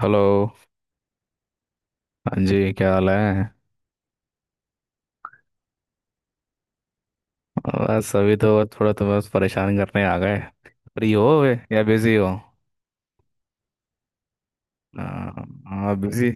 Hello. हाँ जी, क्या हाल है? बस अभी तो, बस थोड़ा, तो बस परेशान करने आ गए। फ्री हो वे या बिजी हो? हाँ बिजी।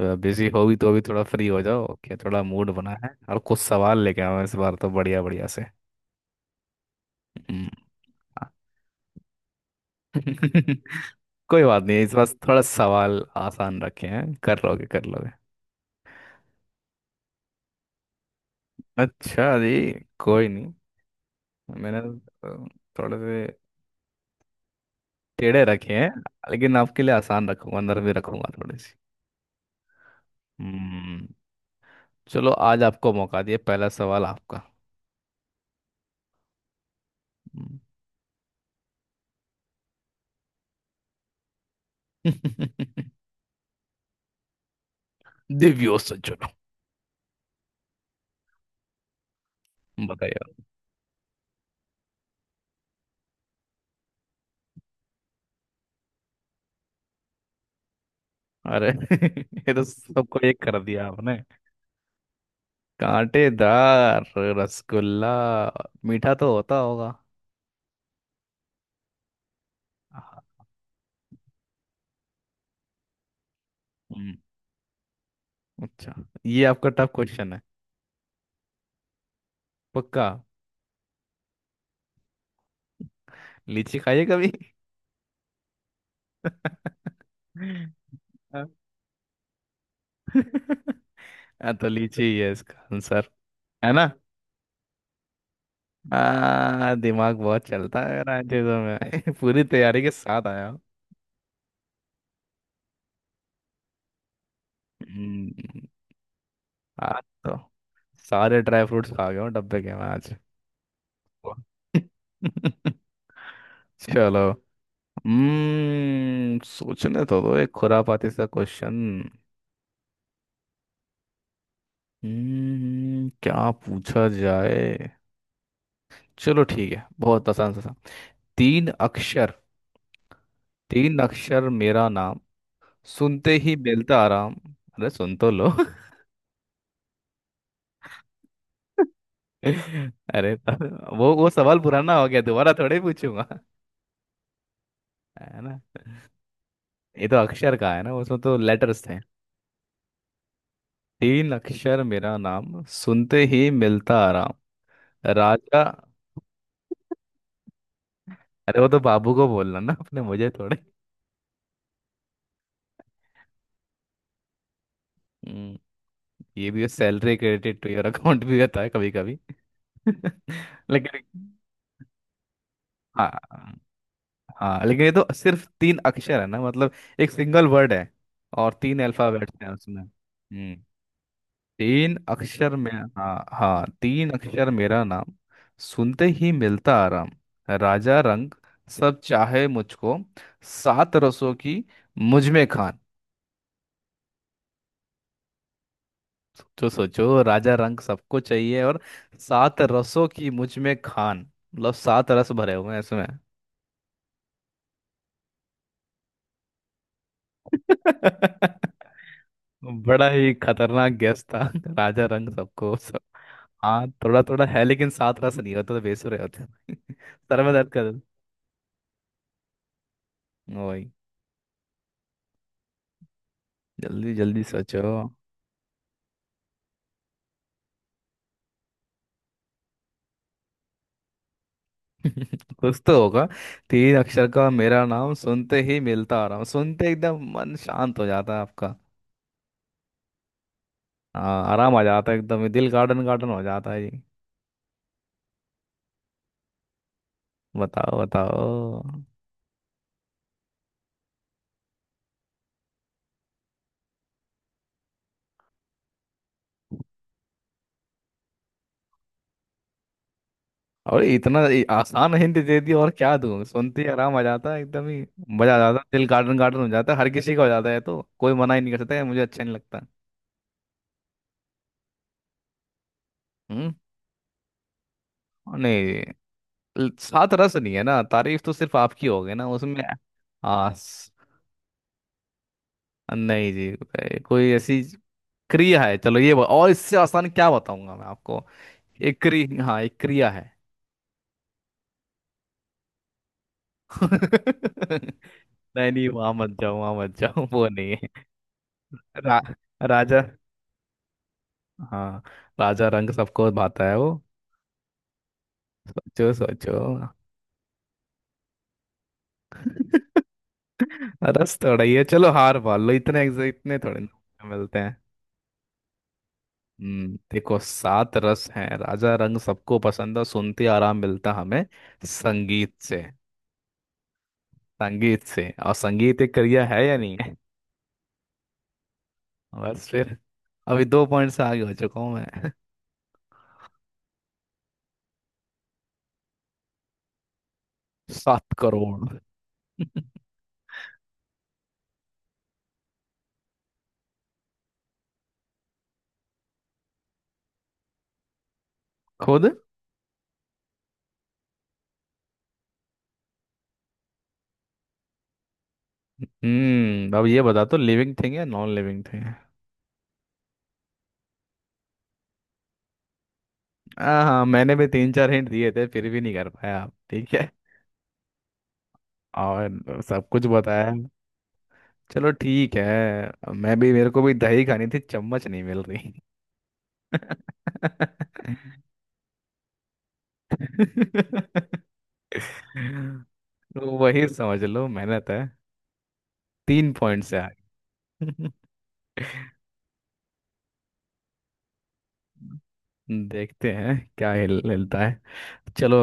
बिजी हो भी तो अभी थोड़ा फ्री हो जाओ, क्या थोड़ा मूड बना है और कुछ सवाल लेके आओ इस बार तो बढ़िया बढ़िया से। हम्म। हाँ। कोई बात नहीं, इस बार थोड़ा सवाल आसान रखे हैं, कर लोगे कर लोगे। अच्छा जी। कोई नहीं। मैंने थोड़े से टेढ़े रखे हैं। लेकिन आपके लिए आसान रखूंगा, अंदर भी रखूंगा थोड़ी सी। चलो, आज आपको मौका दिया, पहला सवाल आपका। हम्म। दिव्यो सज्जनों, बताइए। अरे, ये तो सबको एक कर दिया आपने। कांटेदार रसगुल्ला, मीठा तो होता होगा। हाँ। हम्म। अच्छा। ये आपका टफ क्वेश्चन है। पक्का? लीची खाइए कभी। हाँ, तो लीची ही है इसका आंसर। है ना? दिमाग बहुत चलता है यार इन चीजों में। पूरी तैयारी के साथ आया। हम्म। आज तो सारे ड्राई फ्रूट्स खा गया हूँ डब्बे के मैं आज। वाह। चलो। सोचने तो दो एक खुरापाती सा क्वेश्चन। क्या पूछा जाए। चलो ठीक है, बहुत आसान सा सा। तीन अक्षर। तीन अक्षर मेरा नाम, सुनते ही मिलता आराम। अरे सुन तो लो। अरे, वो सवाल पुराना हो गया, दोबारा थोड़े पूछूंगा। है? ये तो अक्षर का है ना, उसमें तो लेटर्स थे। तीन अक्षर मेरा नाम, सुनते ही मिलता आराम। राजा। अरे वो तो बाबू को बोलना ना अपने, मुझे थोड़े। हम्म, ये भी salary credit to your account भी होता है कभी कभी। लेकिन। हाँ। हाँ, लेकिन ये तो सिर्फ तीन अक्षर है ना, मतलब एक सिंगल वर्ड है और तीन अल्फाबेट्स हैं उसमें। तीन अक्षर में। हाँ हाँ, तीन अक्षर मेरा नाम, सुनते ही मिलता आराम। राजा रंग सब चाहे मुझको, सात रसों की मुझ में खान। तो सोचो, राजा रंग सबको चाहिए और सात रसों की मुझ में खान, मतलब सात रस भरे हुए हैं इसमें। बड़ा ही खतरनाक गेस था। राजा रंग सबको सब। हाँ, थोड़ा थोड़ा है, लेकिन सात रस नहीं होता तो बेसुरे होते। सर में दर्द कर। वही। जल्दी जल्दी सोचो। कुछ तो होगा। तीन अक्षर का मेरा नाम, सुनते ही मिलता आराम, सुनते एकदम मन शांत हो जाता है आपका। हाँ, आराम आ जाता है एकदम, ये दिल गार्डन गार्डन हो जाता है जी। बताओ बताओ। और इतना ये आसान हिंट दे दी, और क्या दूं? सुनते ही आराम आ जाता है एकदम ही, मजा आ जाता है, दिल गार्डन गार्डन हो जाता है हर किसी का, हो जाता है तो कोई मना ही नहीं कर सकता है, मुझे अच्छा नहीं लगता। हम्म। और नहीं। सात रस नहीं है ना, तारीफ तो सिर्फ आपकी होगी ना उसमें। हाँ। नहीं जी। कोई ऐसी क्रिया है, चलो ये और इससे आसान क्या बताऊंगा मैं आपको। एक क्रि हाँ, एक क्रिया है। नहीं नहीं, वहां मत जाओ, वहां मत जाओ, वो नहीं है। रा, राजा। हाँ। राजा रंग सबको भाता है वो। सोचो सोचो। रस थोड़ा ही है, चलो हार मान लो, इतने इतने थोड़े ना मिलते हैं। देखो, सात रस हैं, राजा रंग सबको पसंद है, सुनते आराम मिलता हमें। संगीत से। संगीत से, और संगीत एक करियर है या नहीं है? बस फिर। अभी 2 पॉइंट से आगे हो चुका हूँ मैं। 7 करोड़। खुद। अब ये बता तो लिविंग थिंग या नॉन लिविंग थिंग है? हाँ हाँ, मैंने भी तीन चार हिंट दिए थे, फिर भी नहीं कर पाया आप, ठीक है। और सब कुछ बताया। चलो ठीक है, मैं भी, मेरे को भी दही खानी थी चम्मच नहीं मिल रही। तो वही समझ लो, मेहनत है। 3 पॉइंट से आगे। देखते हैं क्या हिल हिलता है। चलो,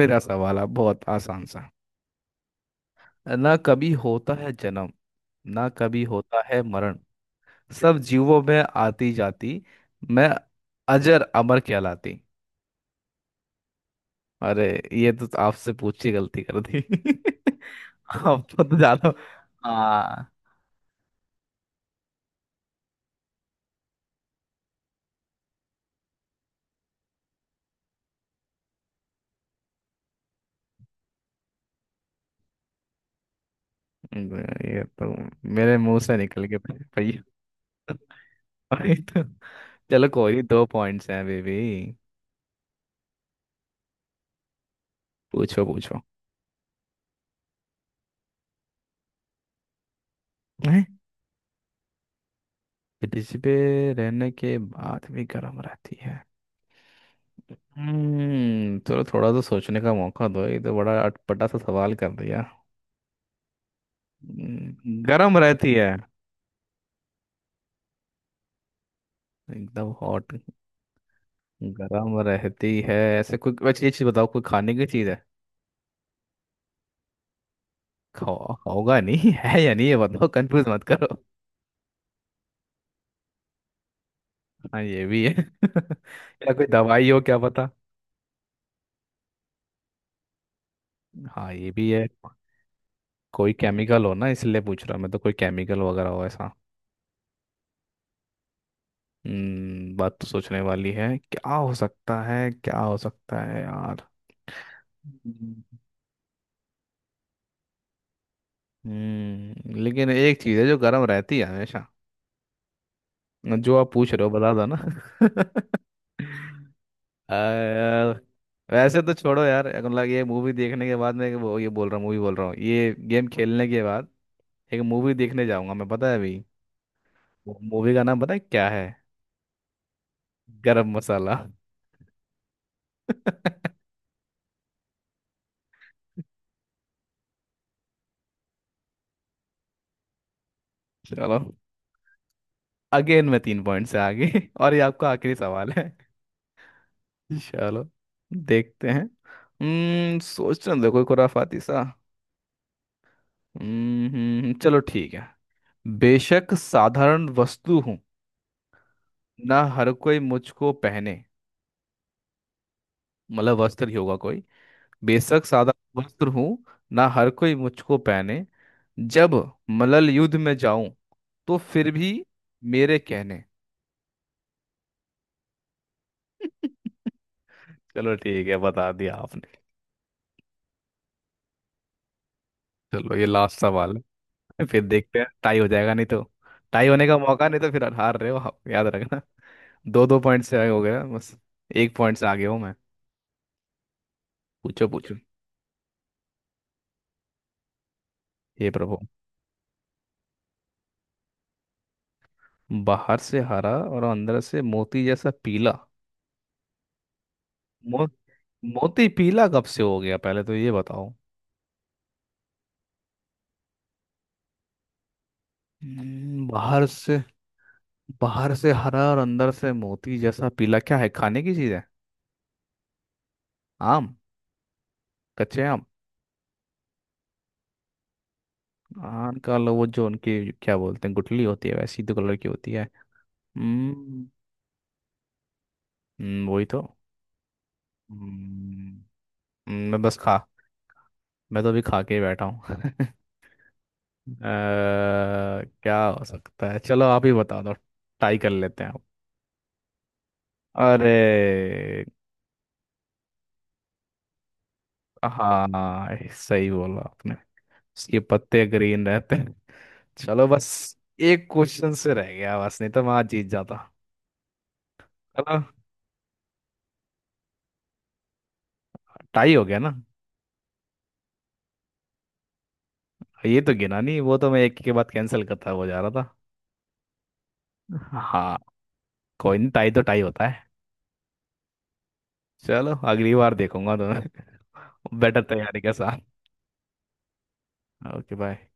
मेरा सवाल है बहुत आसान सा। ना कभी होता है जन्म, ना कभी होता है मरण, सब जीवों में आती जाती मैं, अजर अमर कहलाती। अरे, ये तो आपसे पूछ के गलती कर दी। आप तो ज्यादा। हाँ। ये तो मेरे मुंह से निकल के भैया। अरे तो, चलो कोई नहीं, 2 पॉइंट्स हैं बेबी। पूछो पूछो। ब्रिज पे रहने के बाद भी गर्म रहती है? चलो, थोड़ा तो सोचने का मौका दो, ये तो बड़ा अटपटा सा सवाल कर दिया। गर्म रहती है एकदम हॉट। गर्म रहती है ऐसे कोई, वैसे ये चीज बताओ, कोई खाने की चीज है? खाओ होगा नहीं। है या नहीं ये बताओ, कंफ्यूज मत करो। हाँ, ये भी है। या कोई दवाई हो क्या पता। हाँ, ये भी है। कोई केमिकल हो ना, इसलिए पूछ रहा मैं, तो कोई केमिकल वगैरह हो ऐसा। बात तो सोचने वाली है, क्या हो सकता है, क्या हो सकता है यार। हम्म। लेकिन एक चीज है जो गर्म रहती है हमेशा। जो आप पूछ रहे हो बता दो ना। यार, वैसे तो छोड़ो यार, मतलब ये मूवी देखने के बाद, मैं वो ये बोल रहा हूँ, मूवी बोल रहा हूँ ये गेम खेलने के बाद। एक मूवी देखने जाऊंगा मैं, पता है अभी? मूवी का नाम पता है क्या है? गरम मसाला। चलो, अगेन मैं 3 पॉइंट से आगे। और ये आपका आखिरी सवाल है। चलो, देखते हैं। सोचने दो कोई खुराफाती सा। चलो ठीक है। बेशक साधारण वस्तु हूँ, ना हर कोई मुझको पहने। मतलब वस्त्र ही होगा कोई। बेशक साधारण वस्त्र हूँ, ना हर कोई मुझको पहने, जब मलल युद्ध में जाऊं, तो फिर भी मेरे कहने। चलो ठीक है, बता दिया आपने। चलो ये लास्ट सवाल है। फिर देखते हैं टाई हो जाएगा नहीं तो। टाई होने का मौका नहीं तो, फिर हार रहे हो आप, याद रखना। दो दो पॉइंट से आगे हो गया बस, 1 पॉइंट से आगे हूँ मैं। पूछो पूछो। हे प्रभु। बाहर से हरा और अंदर से मोती जैसा पीला। मो, मोती पीला कब से हो गया, पहले तो ये बताओ। बाहर से। बाहर से हरा और अंदर से मोती जैसा पीला, क्या है? खाने की चीज है? आम। कच्चे आम। आम का लो वो, जो उनकी क्या बोलते हैं, गुठली होती है वैसी तो कलर की होती है। हम्म वही तो। हम्म, मैं बस खा, मैं तो अभी खा के ही बैठा हूँ। अ, क्या हो सकता है? चलो आप ही बता दो, टाई कर लेते हैं। अरे। हाँ, सही बोला आपने। इसके पत्ते ग्रीन रहते हैं। चलो बस, एक क्वेश्चन से रह गया बस, नहीं तो मैं आज जीत जाता। चलो, टाई हो गया ना? ये तो गिना नहीं, वो तो मैं एक के बाद कैंसिल करता हुआ जा रहा था, हाँ। कोई नहीं, टाई तो टाई होता है। चलो, अगली बार देखूंगा तुम्हें। बेटर तैयारी के साथ। Okay bye.